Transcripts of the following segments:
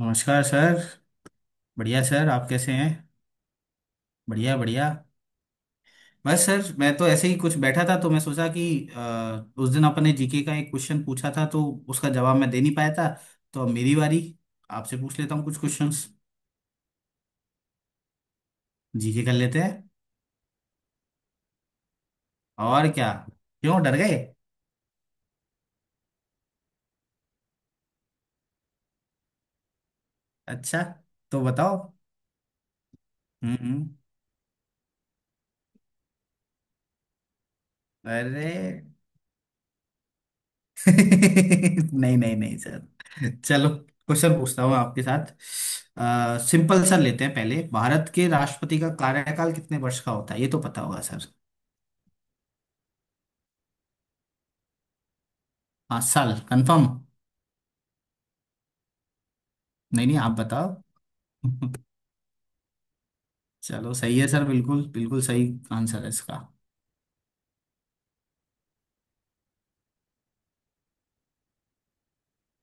नमस्कार सर। बढ़िया सर आप कैसे हैं? बढ़िया बढ़िया। बस सर मैं तो ऐसे ही कुछ बैठा था तो मैं सोचा कि उस दिन आपने GK का एक क्वेश्चन पूछा था तो उसका जवाब मैं दे नहीं पाया था। तो अब मेरी बारी आपसे पूछ लेता हूँ कुछ क्वेश्चंस। GK कर लेते हैं। और क्या। क्यों डर गए? अच्छा। तो बताओ। हम्म। अरे नहीं नहीं नहीं। चलो क्वेश्चन पूछता हूँ आपके साथ। सिंपल सा लेते हैं पहले। भारत के राष्ट्रपति का कार्यकाल कितने वर्ष का होता है? ये तो पता होगा सर। पाँच साल कंफर्म? नहीं नहीं आप बताओ। चलो सही है सर। बिल्कुल बिल्कुल सही आंसर है इसका।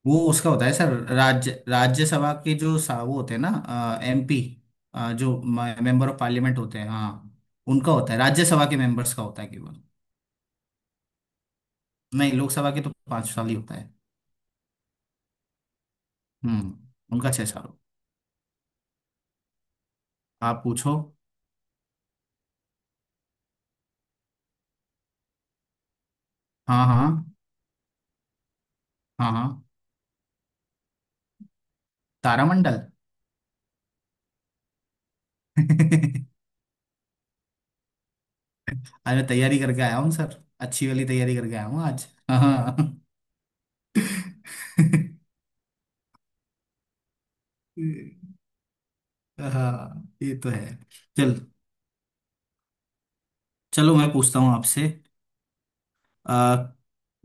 वो उसका होता है सर राज्यसभा के जो वो होते हैं ना। MP। जो मेंबर ऑफ पार्लियामेंट होते हैं। हाँ। उनका होता है। राज्यसभा के मेंबर्स का होता है केवल। नहीं। लोकसभा के तो 5 साल ही होता है। उनका 6 साल हो। आप पूछो। हाँ हाँ। हाँ हाँ। तारामंडल। आज मैं तैयारी करके आया हूँ सर। अच्छी वाली तैयारी करके आया हूँ आज। हाँ। हाँ ये तो है। चल। चलो मैं पूछता हूँ आपसे। आ,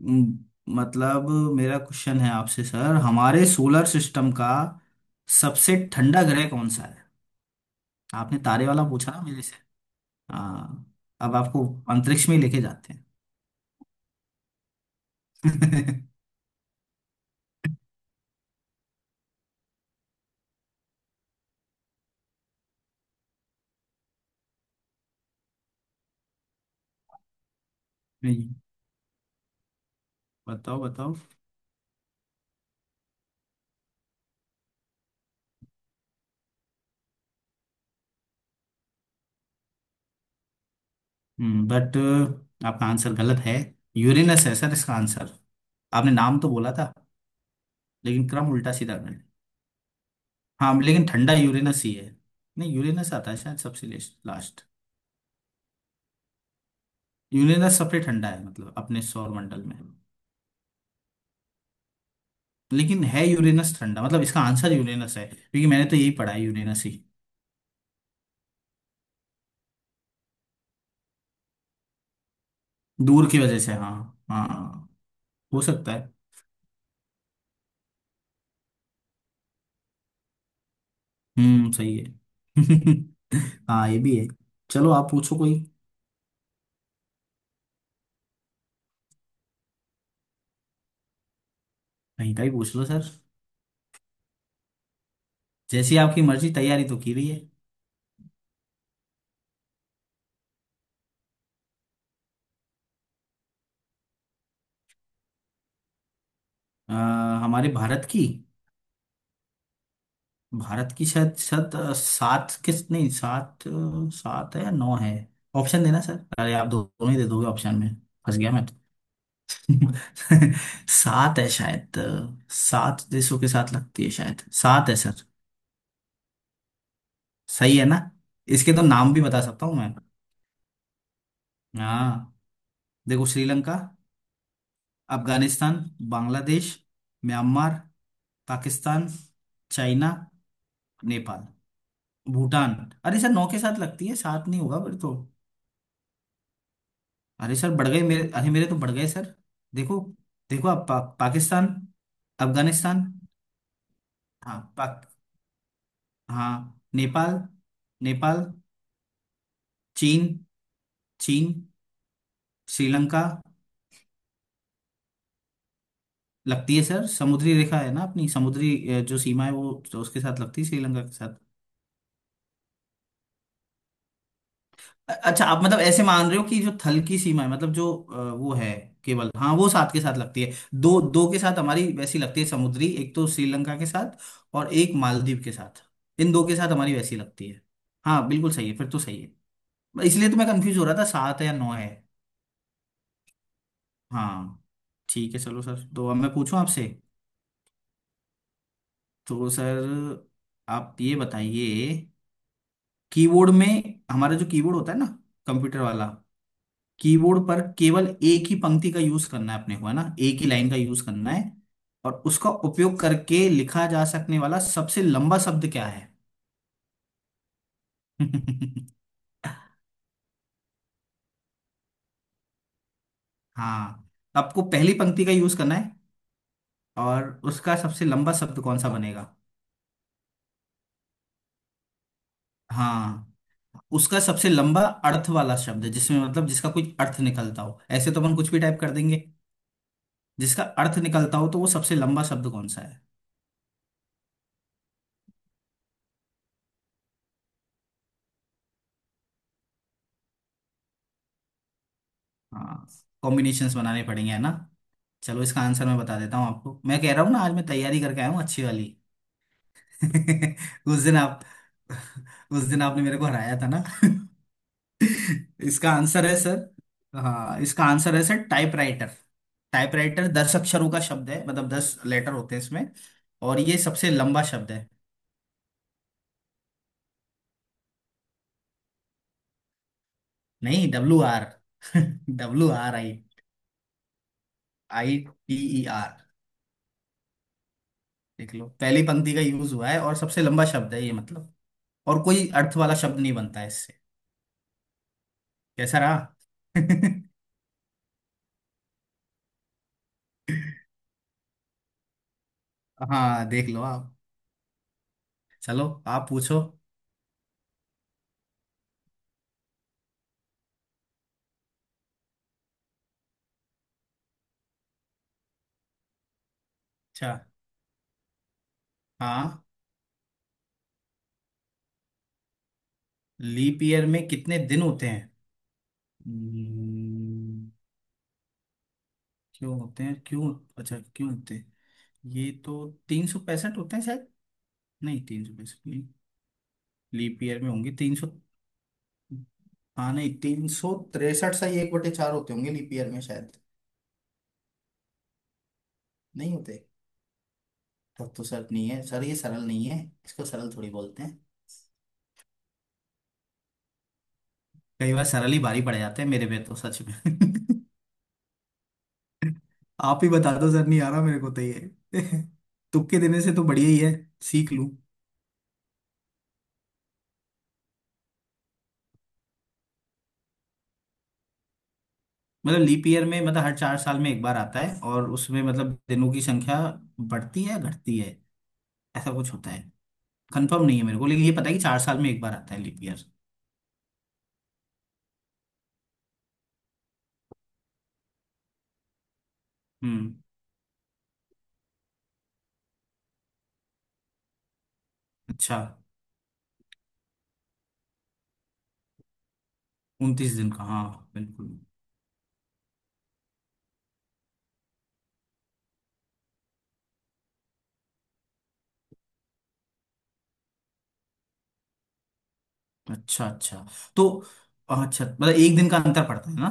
म, मतलब मेरा क्वेश्चन है आपसे सर। हमारे सोलर सिस्टम का सबसे ठंडा ग्रह कौन सा है? आपने तारे वाला पूछा ना मेरे से। हाँ। अब आपको अंतरिक्ष में लेके जाते हैं। नहीं। बताओ बताओ। बट आपका आंसर गलत है। यूरेनस है सर इसका आंसर। आपने नाम तो बोला था लेकिन क्रम उल्टा सीधा कर। हाँ लेकिन ठंडा यूरेनस ही है। नहीं। यूरेनस आता है शायद सबसे लास्ट। यूरेनस सबसे ठंडा है मतलब अपने सौर मंडल में। लेकिन है यूरेनस ठंडा। मतलब इसका आंसर यूरेनस है क्योंकि मैंने तो यही पढ़ा है यूरेनस ही। दूर की वजह से हाँ। हाँ। हो सकता है। सही है। हाँ ये भी है। चलो आप पूछो कोई। कहीं का ही पूछ लो सर। जैसी आपकी मर्जी। तैयारी तो की रही है। अ, हमारे भारत की। भारत की शायद शायद सात। किस नहीं सात सात है या नौ है? ऑप्शन देना सर। अरे आप दोनों ही दे दोगे ऑप्शन में। फंस गया मैं तो। सात है शायद। सात देशों के साथ लगती है। शायद सात है सर। सही है ना? इसके तो नाम भी बता सकता हूँ मैं। हाँ। देखो श्रीलंका। अफगानिस्तान। बांग्लादेश। म्यांमार। पाकिस्तान। चाइना। नेपाल। भूटान। अरे सर नौ के साथ लगती है। सात नहीं होगा फिर तो। अरे सर बढ़ गए मेरे। अरे मेरे तो बढ़ गए सर। देखो। देखो आप। पाकिस्तान। अफगानिस्तान। हाँ पाक। हाँ नेपाल। नेपाल। चीन। चीन। श्रीलंका। लगती है सर। समुद्री रेखा है ना। अपनी समुद्री जो सीमा है वो तो उसके साथ लगती है। श्रीलंका के साथ। अच्छा आप मतलब ऐसे मान रहे हो कि जो थल की सीमा है मतलब जो वो है केवल। हाँ वो साथ के साथ लगती है। दो दो के साथ हमारी वैसी लगती है समुद्री। एक तो श्रीलंका के साथ। और एक मालदीव के साथ। इन दो के साथ हमारी वैसी लगती है। हाँ बिल्कुल सही है फिर तो। सही है इसलिए तो मैं कंफ्यूज हो रहा था सात है या नौ है। हाँ। ठीक है चलो सर तो अब मैं पूछूं आपसे। तो सर आप ये बताइए। कीबोर्ड में हमारा जो कीबोर्ड होता है ना कंप्यूटर वाला। कीबोर्ड पर केवल एक ही पंक्ति का यूज करना है अपने को है ना। एक ही लाइन का यूज करना है। और उसका उपयोग करके लिखा जा सकने वाला सबसे लंबा शब्द क्या है? हाँ। आपको पहली पंक्ति का यूज करना है। और उसका सबसे लंबा शब्द कौन सा बनेगा? हाँ। उसका सबसे लंबा अर्थ वाला शब्द जिसमें मतलब जिसका कोई अर्थ निकलता हो। ऐसे तो अपन कुछ भी टाइप कर देंगे। जिसका अर्थ निकलता हो तो वो सबसे लंबा शब्द कौन सा है? हाँ। कॉम्बिनेशंस बनाने पड़ेंगे है ना। चलो इसका आंसर मैं बता देता हूँ आपको। मैं कह रहा हूँ ना आज मैं तैयारी करके आया हूँ अच्छी वाली। उस दिन आप। उस दिन आपने मेरे को हराया था ना। इसका आंसर है सर। हाँ इसका आंसर है सर टाइपराइटर। टाइपराइटर 10 अक्षरों का शब्द है मतलब 10 लेटर होते हैं इसमें। और ये सबसे लंबा शब्द है। नहीं WR। WRI। I। T। ER। देख लो पहली पंक्ति का यूज हुआ है और सबसे लंबा शब्द है ये मतलब। और कोई अर्थ वाला शब्द नहीं बनता है इससे। कैसा रहा? हाँ देख लो आप। चलो आप पूछो। अच्छा। हाँ। लीप ईयर में कितने दिन होते हैं? हम्म। क्यों होते हैं क्यों? अच्छा क्यों होते हैं? ये तो 365 होते हैं शायद। नहीं 365 नहीं। लीप ईयर में होंगे 300। हाँ नहीं 363 सही 1/4 होते होंगे लीप ईयर में शायद। नहीं होते। तब तो सर नहीं है सर ये सरल नहीं है। इसको सरल थोड़ी बोलते हैं। कई बार सरल ही भारी पड़ जाते हैं मेरे पे तो सच में। आप ही बता दो सर नहीं आ रहा मेरे को तो ये। तुक्के देने से तो बढ़िया ही है। सीख लूं। मतलब लीप ईयर में मतलब हर 4 साल में एक बार आता है और उसमें मतलब दिनों की संख्या बढ़ती है घटती है ऐसा कुछ होता है। कंफर्म नहीं है मेरे को लेकिन ये पता है कि 4 साल में एक बार आता है लीप ईयर। हम्म। अच्छा। 29 दिन का हाँ। बिल्कुल। अच्छा अच्छा। तो। अच्छा मतलब एक दिन का अंतर पड़ता है ना।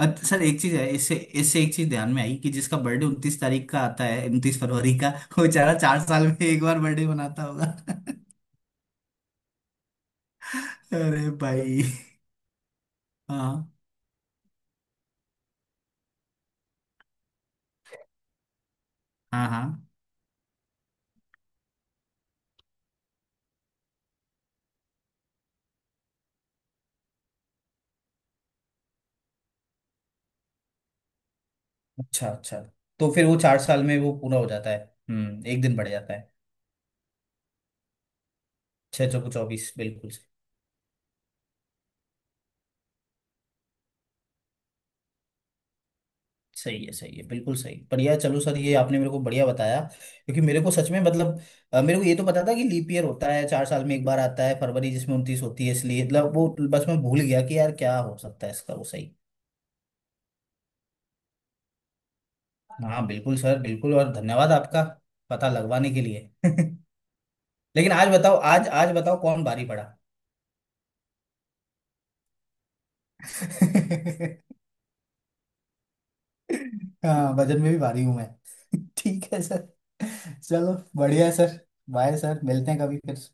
सर एक चीज है इससे। इससे एक चीज ध्यान में आई कि जिसका बर्थडे 29 तारीख का आता है 29 फरवरी का। वो बेचारा 4 साल में एक बार बर्थडे मनाता होगा। अरे भाई। हाँ हाँ हाँ। अच्छा अच्छा। तो फिर वो 4 साल में वो पूरा हो जाता है। एक दिन बढ़ जाता है। छह चौको चौबीस बिल्कुल। सही है बिल्कुल सही बढ़िया चलो सर ये आपने मेरे को बढ़िया बताया। क्योंकि मेरे को सच में मतलब मेरे को ये तो पता था कि लीप ईयर होता है चार साल में एक बार आता है फरवरी जिसमें 29 होती है इसलिए मतलब वो बस मैं भूल गया कि यार क्या हो सकता है इसका वो सही। हाँ बिल्कुल सर बिल्कुल और धन्यवाद आपका पता लगवाने के लिए। लेकिन आज बताओ आज आज बताओ कौन भारी पड़ा। हाँ वजन में भी भारी हूं मैं। ठीक है सर। चलो बढ़िया है सर। बाय सर मिलते हैं कभी फिर।